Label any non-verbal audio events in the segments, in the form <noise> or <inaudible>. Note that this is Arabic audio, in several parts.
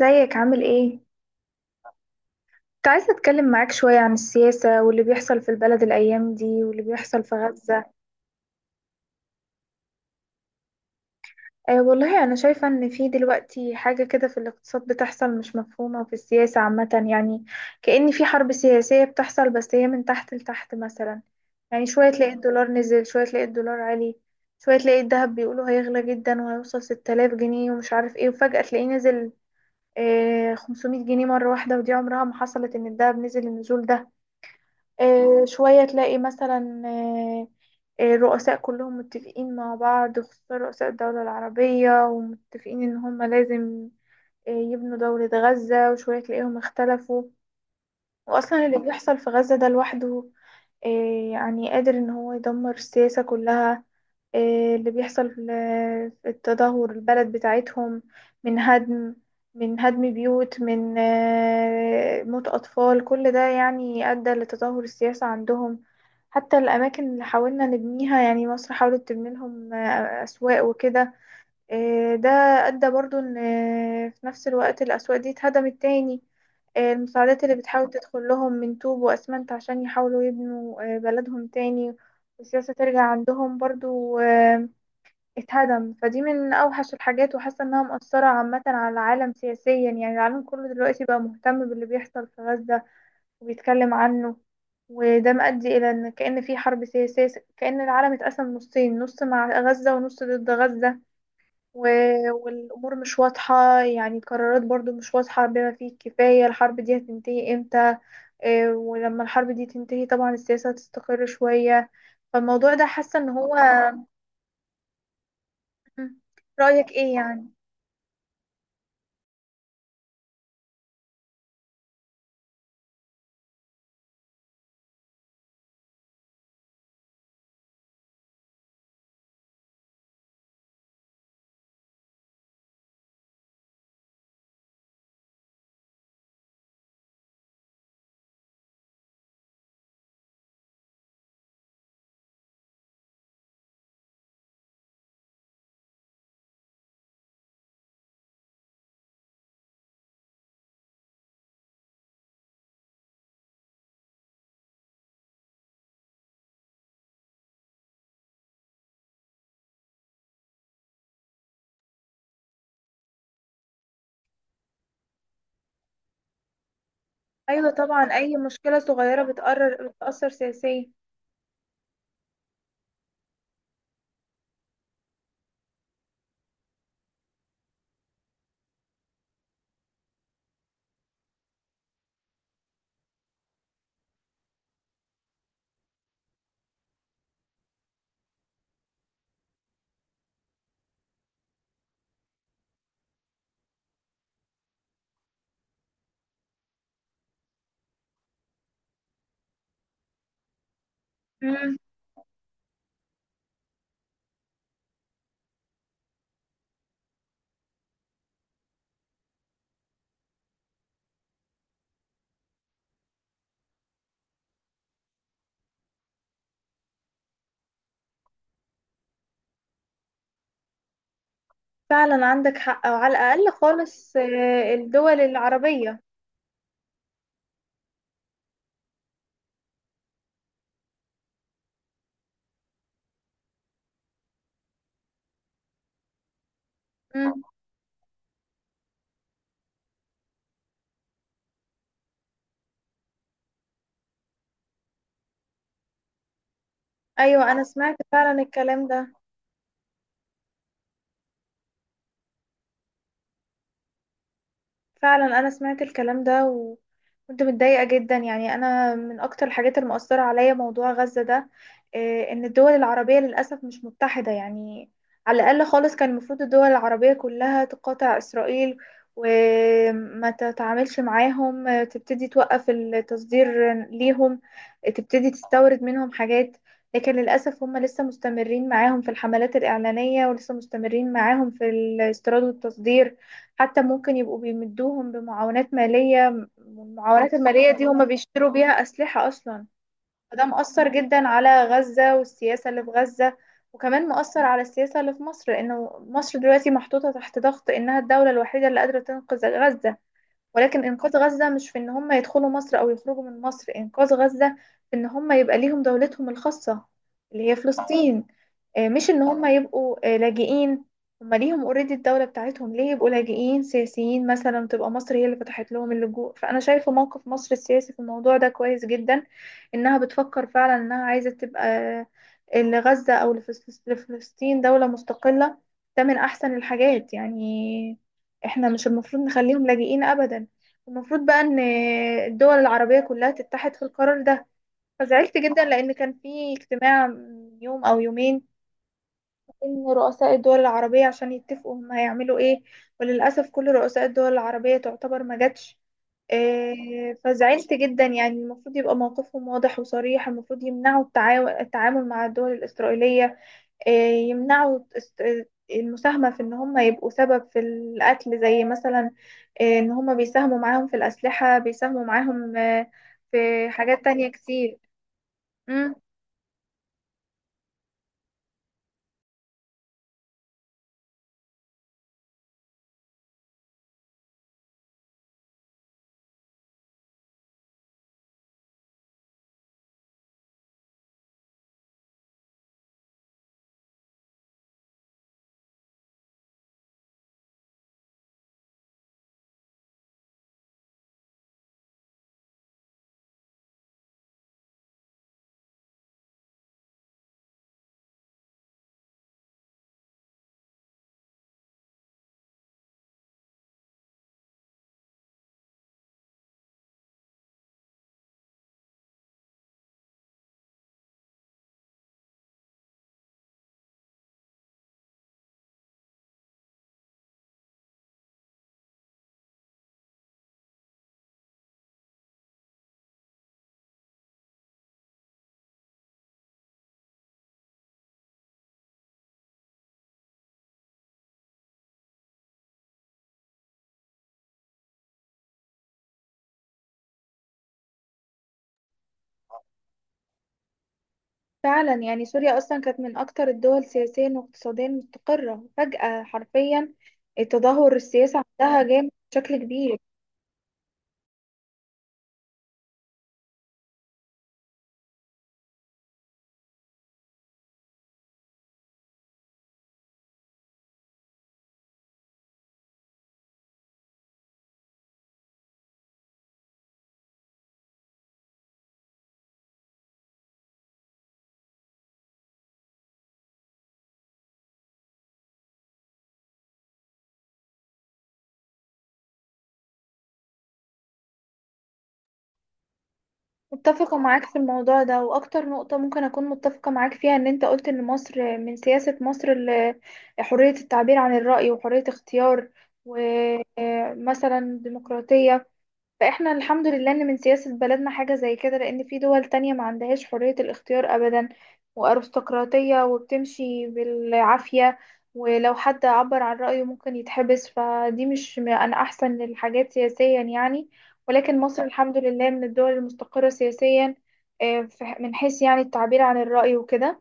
ازيك عامل ايه؟ كنت عايزة اتكلم معاك شوية عن السياسة واللي بيحصل في البلد الأيام دي واللي بيحصل في غزة. أه والله أنا شايفة إن في دلوقتي حاجة كده في الاقتصاد بتحصل مش مفهومة وفي السياسة عامة يعني. كأن في حرب سياسية بتحصل بس هي من تحت لتحت مثلا. يعني شوية تلاقي الدولار نزل، شوية تلاقي الدولار عالي. شوية تلاقي الذهب بيقولوا هيغلى جدا وهيوصل 6000 جنيه ومش عارف ايه، وفجأة تلاقيه نزل 500 جنيه مرة واحدة، ودي عمرها ما حصلت إن الذهب نزل النزول ده. شوية تلاقي مثلا الرؤساء كلهم متفقين مع بعض خصوصا رؤساء الدولة العربية، ومتفقين إن هم لازم يبنوا دولة غزة، وشوية تلاقيهم اختلفوا. وأصلا اللي بيحصل في غزة ده لوحده إيه يعني قادر ان هو يدمر السياسة كلها. إيه اللي بيحصل في في التدهور البلد بتاعتهم، من هدم من هدم بيوت، من موت أطفال، كل ده يعني أدى لتدهور السياسة عندهم. حتى الأماكن اللي حاولنا نبنيها، يعني مصر حاولت تبني لهم أسواق وكده، ده أدى برضو إن في نفس الوقت الأسواق دي اتهدمت تاني. المساعدات اللي بتحاول تدخل لهم من طوب وأسمنت عشان يحاولوا يبنوا بلدهم تاني والسياسة ترجع عندهم برضو، اتهدم فدي من أوحش الحاجات، وحاسة إنها مؤثرة عامة على العالم سياسيا. يعني العالم كله دلوقتي بقى مهتم باللي بيحصل في غزة وبيتكلم عنه، وده مؤدي إلى إن كأن في حرب سياسية، كأن العالم اتقسم نصين، نص مع غزة ونص ضد غزة. والأمور مش واضحة، يعني القرارات برضو مش واضحة بما فيه الكفاية الحرب دي هتنتهي امتى. ولما الحرب دي تنتهي طبعا السياسة هتستقر شوية، فالموضوع ده حاسة ان هو... <clears throat> مم. رأيك ايه يعني؟ ايوه طبعا، اي مشكلة صغيرة بتقرر بتأثر سياسيا. مم. فعلا عندك حق، وعلى الأقل خالص الدول العربية. مم. ايوه، انا سمعت فعلا الكلام ده. فعلا انا سمعت الكلام ده و... كنت متضايقة جدا، يعني أنا من أكتر الحاجات المؤثرة عليا موضوع غزة ده. إن الدول العربية للأسف مش متحدة يعني. على الأقل خالص كان المفروض الدول العربية كلها تقاطع إسرائيل، وما تتعاملش معاهم، تبتدي توقف التصدير ليهم، تبتدي تستورد منهم حاجات. لكن للأسف هم لسه مستمرين معاهم في الحملات الإعلانية، ولسه مستمرين معاهم في الاستيراد والتصدير. حتى ممكن يبقوا بيمدوهم بمعاونات مالية، والمعاونات المالية دي هما أيوة بيشتروا بيها أسلحة أصلا. فده مؤثر جدا على غزة والسياسة اللي في غزة، وكمان مؤثر على السياسة اللي في مصر، لأنه مصر دلوقتي محطوطة تحت ضغط إنها الدولة الوحيدة اللي قادرة تنقذ غزة. ولكن إنقاذ غزة مش في إن هم يدخلوا مصر أو يخرجوا من مصر. إنقاذ غزة في إن هم يبقى ليهم دولتهم الخاصة، اللي هي فلسطين. مش إن هم يبقوا لاجئين. هم ليهم اوريدي الدولة بتاعتهم، ليه يبقوا لاجئين سياسيين مثلا تبقى مصر هي اللي فتحت لهم اللجوء؟ فأنا شايفة موقف مصر السياسي في الموضوع ده كويس جدا، إنها بتفكر فعلا إنها عايزة تبقى لغزة أو لفلسطين دولة مستقلة. ده من أحسن الحاجات يعني. احنا مش المفروض نخليهم لاجئين ابدا، المفروض بقى ان الدول العربية كلها تتحد في القرار ده. فزعلت جدا لان كان في اجتماع من يوم او يومين بين رؤساء الدول العربية عشان يتفقوا هم هيعملوا ايه، وللأسف كل رؤساء الدول العربية تعتبر ما جاتش. إيه، فزعلت جدا، يعني المفروض يبقى موقفهم واضح وصريح، المفروض يمنعوا التعامل مع الدول الإسرائيلية. آه، يمنعوا المساهمة في إن هم يبقوا سبب في القتل، زي مثلا إن هم بيساهموا معاهم في الأسلحة، بيساهموا معاهم في حاجات تانية كتير. مم. فعلا. يعني سوريا أصلا كانت من أكتر الدول سياسيا واقتصاديا مستقرة، فجأة حرفيا التدهور السياسي عندها جامد بشكل كبير. متفقة معاك في الموضوع ده، وأكتر نقطة ممكن أكون متفقة معاك فيها إن أنت قلت إن مصر، من سياسة مصر حرية التعبير عن الرأي، وحرية اختيار، ومثلا ديمقراطية. فاحنا الحمد لله ان من سياسة بلدنا حاجة زي كده، لان في دول تانية ما عندهاش حرية الاختيار ابدا، وارستقراطية، وبتمشي بالعافية، ولو حد عبر عن رأيه ممكن يتحبس، فدي مش انا احسن الحاجات سياسيا يعني. ولكن مصر الحمد لله من الدول المستقرة سياسيا، من حيث يعني التعبير عن الرأي وكده.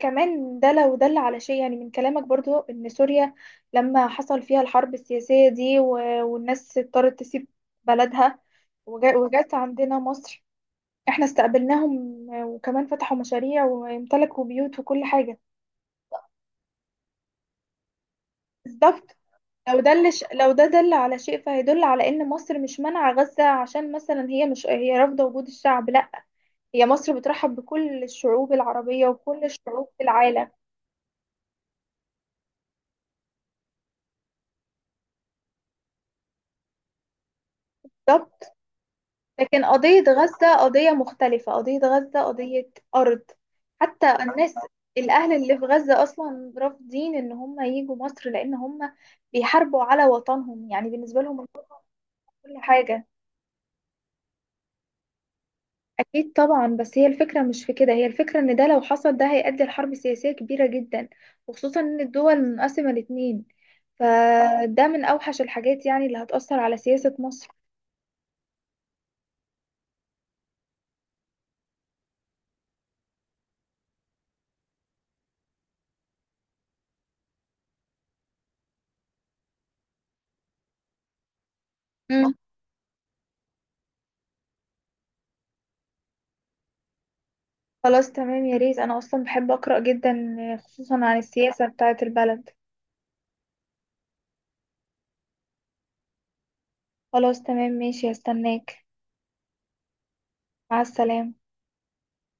كمان ده لو دل على شيء، يعني من كلامك برضو ان سوريا لما حصل فيها الحرب السياسية دي والناس اضطرت تسيب بلدها وجات عندنا مصر، احنا استقبلناهم وكمان فتحوا مشاريع وامتلكوا بيوت وكل حاجة. بالظبط. لو ده دل على شيء فهيدل على ان مصر مش مانعة غزة عشان مثلا هي مش، هي رافضة وجود الشعب، لا، هي مصر بترحب بكل الشعوب العربية وكل الشعوب في العالم. بالظبط. لكن قضية غزة قضية مختلفة، قضية غزة قضية أرض. حتى الناس، الأهل اللي في غزة أصلا رافضين إن هم ييجوا مصر، لأن هم بيحاربوا على وطنهم، يعني بالنسبة لهم الوطن كل حاجة. أكيد طبعا، بس هي الفكرة مش في كده، هي الفكرة إن ده لو حصل ده هيؤدي لحرب سياسية كبيرة جدا، وخصوصا إن الدول منقسمة الاتنين، فده من أوحش الحاجات يعني اللي هتأثر على سياسة مصر. مم. خلاص تمام، يا ريت، أنا أصلا بحب أقرأ جدا، خصوصا عن السياسة بتاعة البلد. خلاص تمام ماشي، هستناك. مع السلامة.